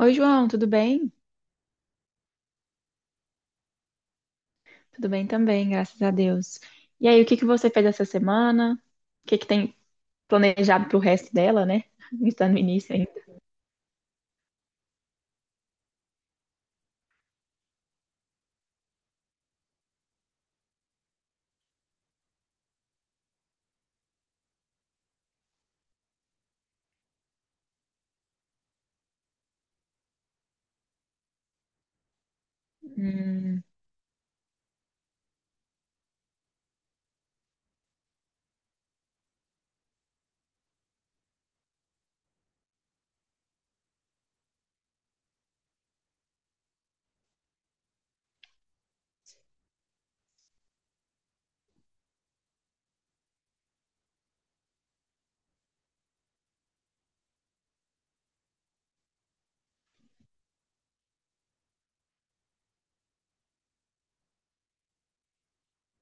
Oi, João, tudo bem? Tudo bem também, graças a Deus. E aí, o que que você fez essa semana? O que que tem planejado pro resto dela, né? Está no início ainda. Hum,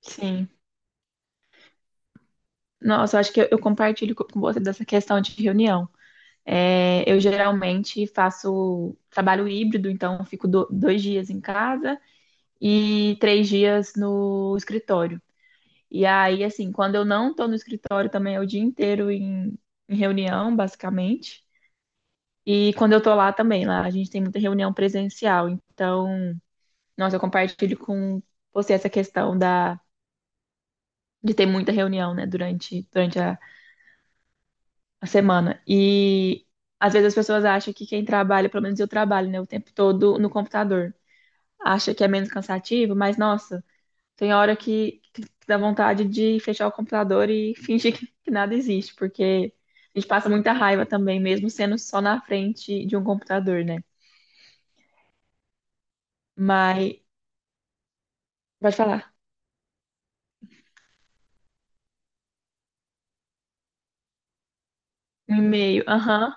sim. Nossa, eu acho que eu compartilho com você dessa questão de reunião. É, eu geralmente faço trabalho híbrido, então eu fico dois dias em casa e três dias no escritório. E aí, assim, quando eu não estou no escritório também é o dia inteiro em reunião, basicamente. E quando eu tô lá também, lá a gente tem muita reunião presencial. Então, nossa, eu compartilho com você essa de ter muita reunião, né, durante a semana. E às vezes as pessoas acham que quem trabalha, pelo menos eu trabalho, né, o tempo todo no computador. Acha que é menos cansativo, mas nossa, tem hora que dá vontade de fechar o computador e fingir que nada existe, porque a gente passa muita raiva também, mesmo sendo só na frente de um computador, né? Mas, pode falar. Um e-mail, aham,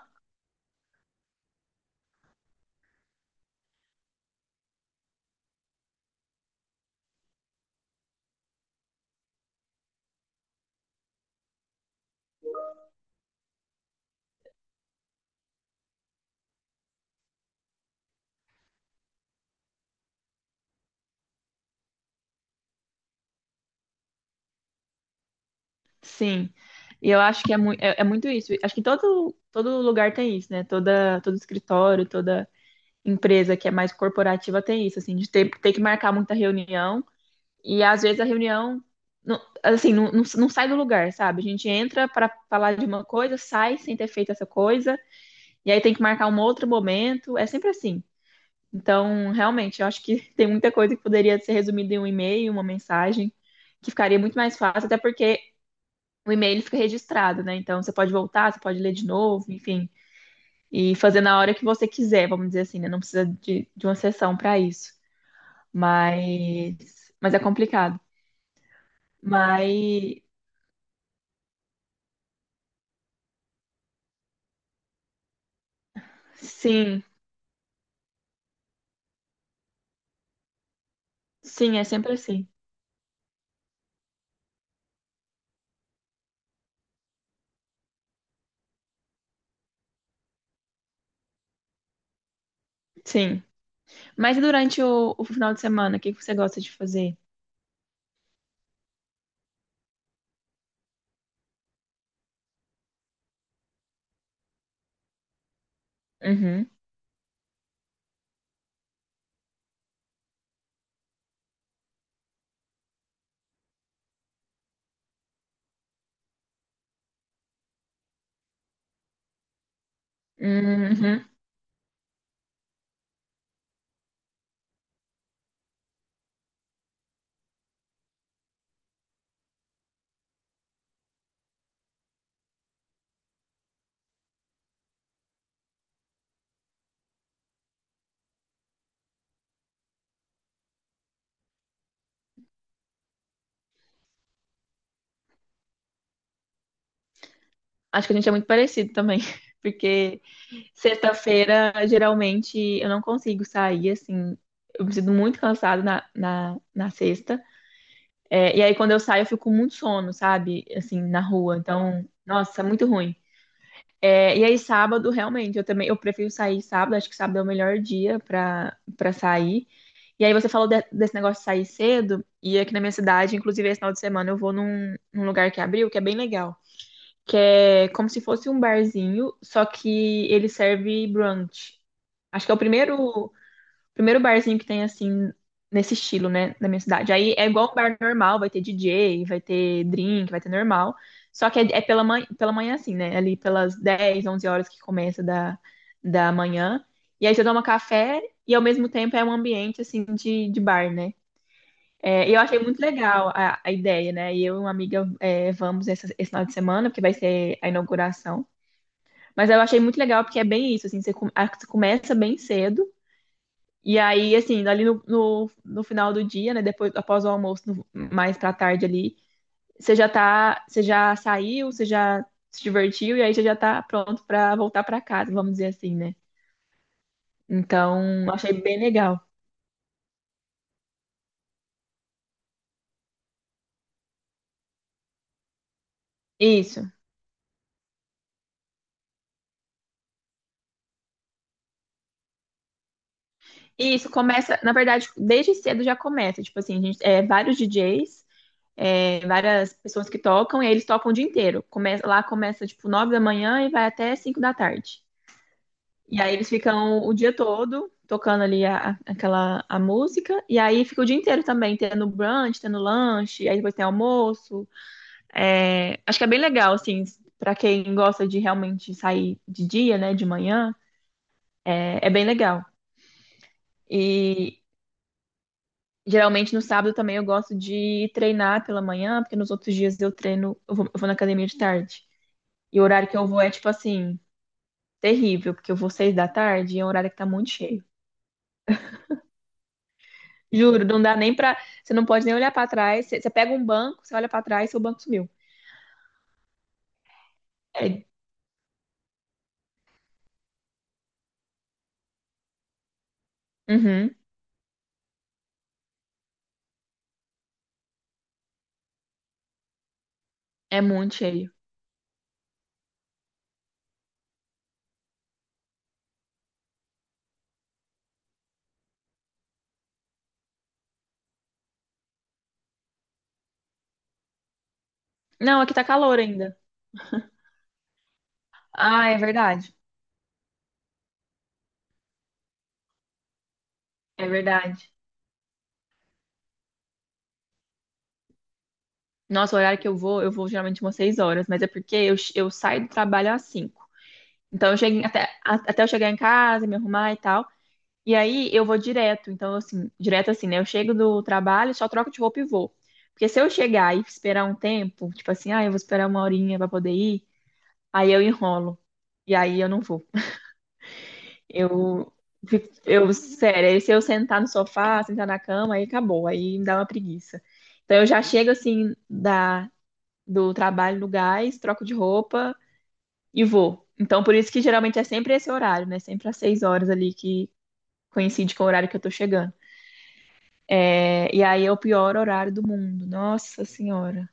sim. E eu acho que é muito isso. Acho que todo lugar tem isso, né? Todo escritório, toda empresa que é mais corporativa tem isso, assim, de ter que marcar muita reunião. E às vezes a reunião, não sai do lugar, sabe? A gente entra para falar de uma coisa, sai sem ter feito essa coisa, e aí tem que marcar um outro momento. É sempre assim. Então, realmente, eu acho que tem muita coisa que poderia ser resumida em um e-mail, uma mensagem que ficaria muito mais fácil, até porque o e-mail fica registrado, né? Então você pode voltar, você pode ler de novo, enfim, e fazer na hora que você quiser, vamos dizer assim, né? Não precisa de uma sessão para isso. Mas é complicado. Mas sim, sim, é sempre assim. Sim. Mas e durante o final de semana, o que que você gosta de fazer? Uhum. Uhum. Acho que a gente é muito parecido também, porque sexta-feira, geralmente, eu não consigo sair, assim, eu me sinto muito cansada na sexta. É, e aí, quando eu saio, eu fico com muito sono, sabe? Assim, na rua. Então, nossa, é muito ruim. É, e aí, sábado, realmente, eu também, eu prefiro sair sábado, acho que sábado é o melhor dia pra sair. E aí, você falou desse negócio de sair cedo, e aqui na minha cidade, inclusive, esse final de semana, eu vou num lugar que abriu, que é bem legal, que é como se fosse um barzinho, só que ele serve brunch. Acho que é o primeiro, primeiro barzinho que tem assim, nesse estilo, né, na minha cidade. Aí é igual um bar normal, vai ter DJ, vai ter drink, vai ter normal. Só que é pela manhã assim, né? Ali pelas 10 11 horas que começa da manhã. E aí você toma café e ao mesmo tempo é um ambiente assim de bar, né? É, e eu achei muito legal a ideia, né? E eu e uma amiga é, vamos esse final de semana, porque vai ser a inauguração. Mas eu achei muito legal porque é bem isso, assim, você, você começa bem cedo e aí, assim, ali no final do dia, né? Depois, após o almoço, mais pra tarde ali, você já tá, você já saiu, você já se divertiu e aí você já tá pronto pra voltar pra casa, vamos dizer assim, né? Então, eu achei bem legal. Isso. Isso começa, na verdade, desde cedo já começa. Tipo assim, a gente, é, vários DJs, é, várias pessoas que tocam, e aí eles tocam o dia inteiro. Começa, lá começa, tipo, 9 da manhã e vai até 5 da tarde. E aí eles ficam o dia todo tocando ali aquela a música. E aí fica o dia inteiro também, tendo brunch, tendo lanche, aí depois tem almoço. É, acho que é bem legal, assim, pra quem gosta de realmente sair de dia, né, de manhã, é, é bem legal. E geralmente no sábado também eu gosto de treinar pela manhã, porque nos outros dias eu treino, eu vou na academia de tarde. E o horário que eu vou é tipo assim, terrível, porque eu vou seis da tarde e é um horário que tá muito cheio. Juro, não dá nem pra. Você não pode nem olhar pra trás. Você pega um banco, você olha pra trás, seu banco sumiu. É, uhum, é muito cheio. Não, aqui tá calor ainda. Ah, é verdade. É verdade. Nossa, o horário que eu vou geralmente umas 6 horas, mas é porque eu saio do trabalho às 5. Então eu chego até, até eu chegar em casa, me arrumar e tal. E aí eu vou direto. Então, assim, direto assim, né? Eu chego do trabalho, só troco de roupa e vou. Porque se eu chegar e esperar um tempo, tipo assim, ah, eu vou esperar uma horinha pra poder ir, aí eu enrolo. E aí eu não vou. Eu, sério, aí se eu sentar no sofá, sentar na cama, aí acabou. Aí me dá uma preguiça. Então eu já chego assim do trabalho no gás, troco de roupa e vou. Então por isso que geralmente é sempre esse horário, né? Sempre às seis horas ali que coincide com o horário que eu tô chegando. É, e aí é o pior horário do mundo. Nossa Senhora.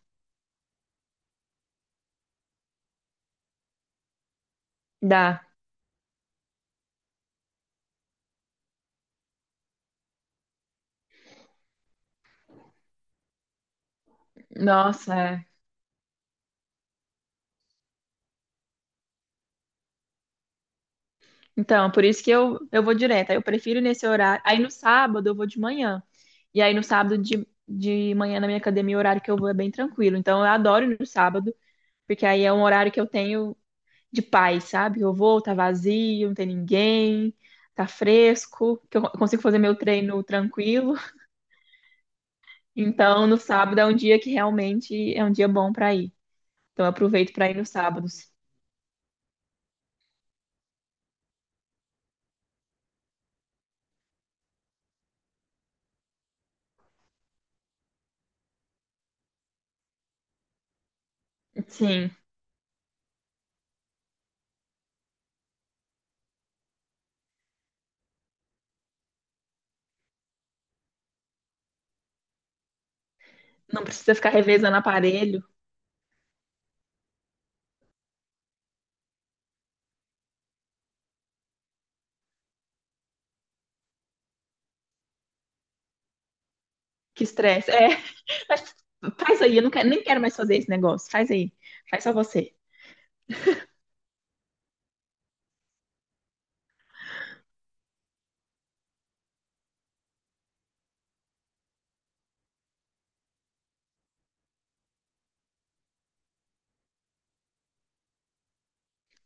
Dá. Nossa, é. Então, por isso que eu vou direto. Aí eu prefiro nesse horário. Aí no sábado eu vou de manhã. E aí no sábado de manhã na minha academia, o horário que eu vou é bem tranquilo. Então eu adoro ir no sábado, porque aí é um horário que eu tenho de paz, sabe? Eu vou, tá vazio, não tem ninguém, tá fresco, que eu consigo fazer meu treino tranquilo. Então no sábado é um dia que realmente é um dia bom pra ir. Então eu aproveito pra ir nos sábados. Sim, não precisa ficar revezando aparelho. Que estresse. É. Faz, faz aí, eu não quero, nem quero mais fazer esse negócio. Faz aí. Faz só você.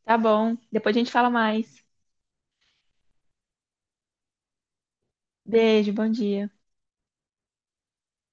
Tá bom. Depois a gente fala mais. Beijo, bom dia.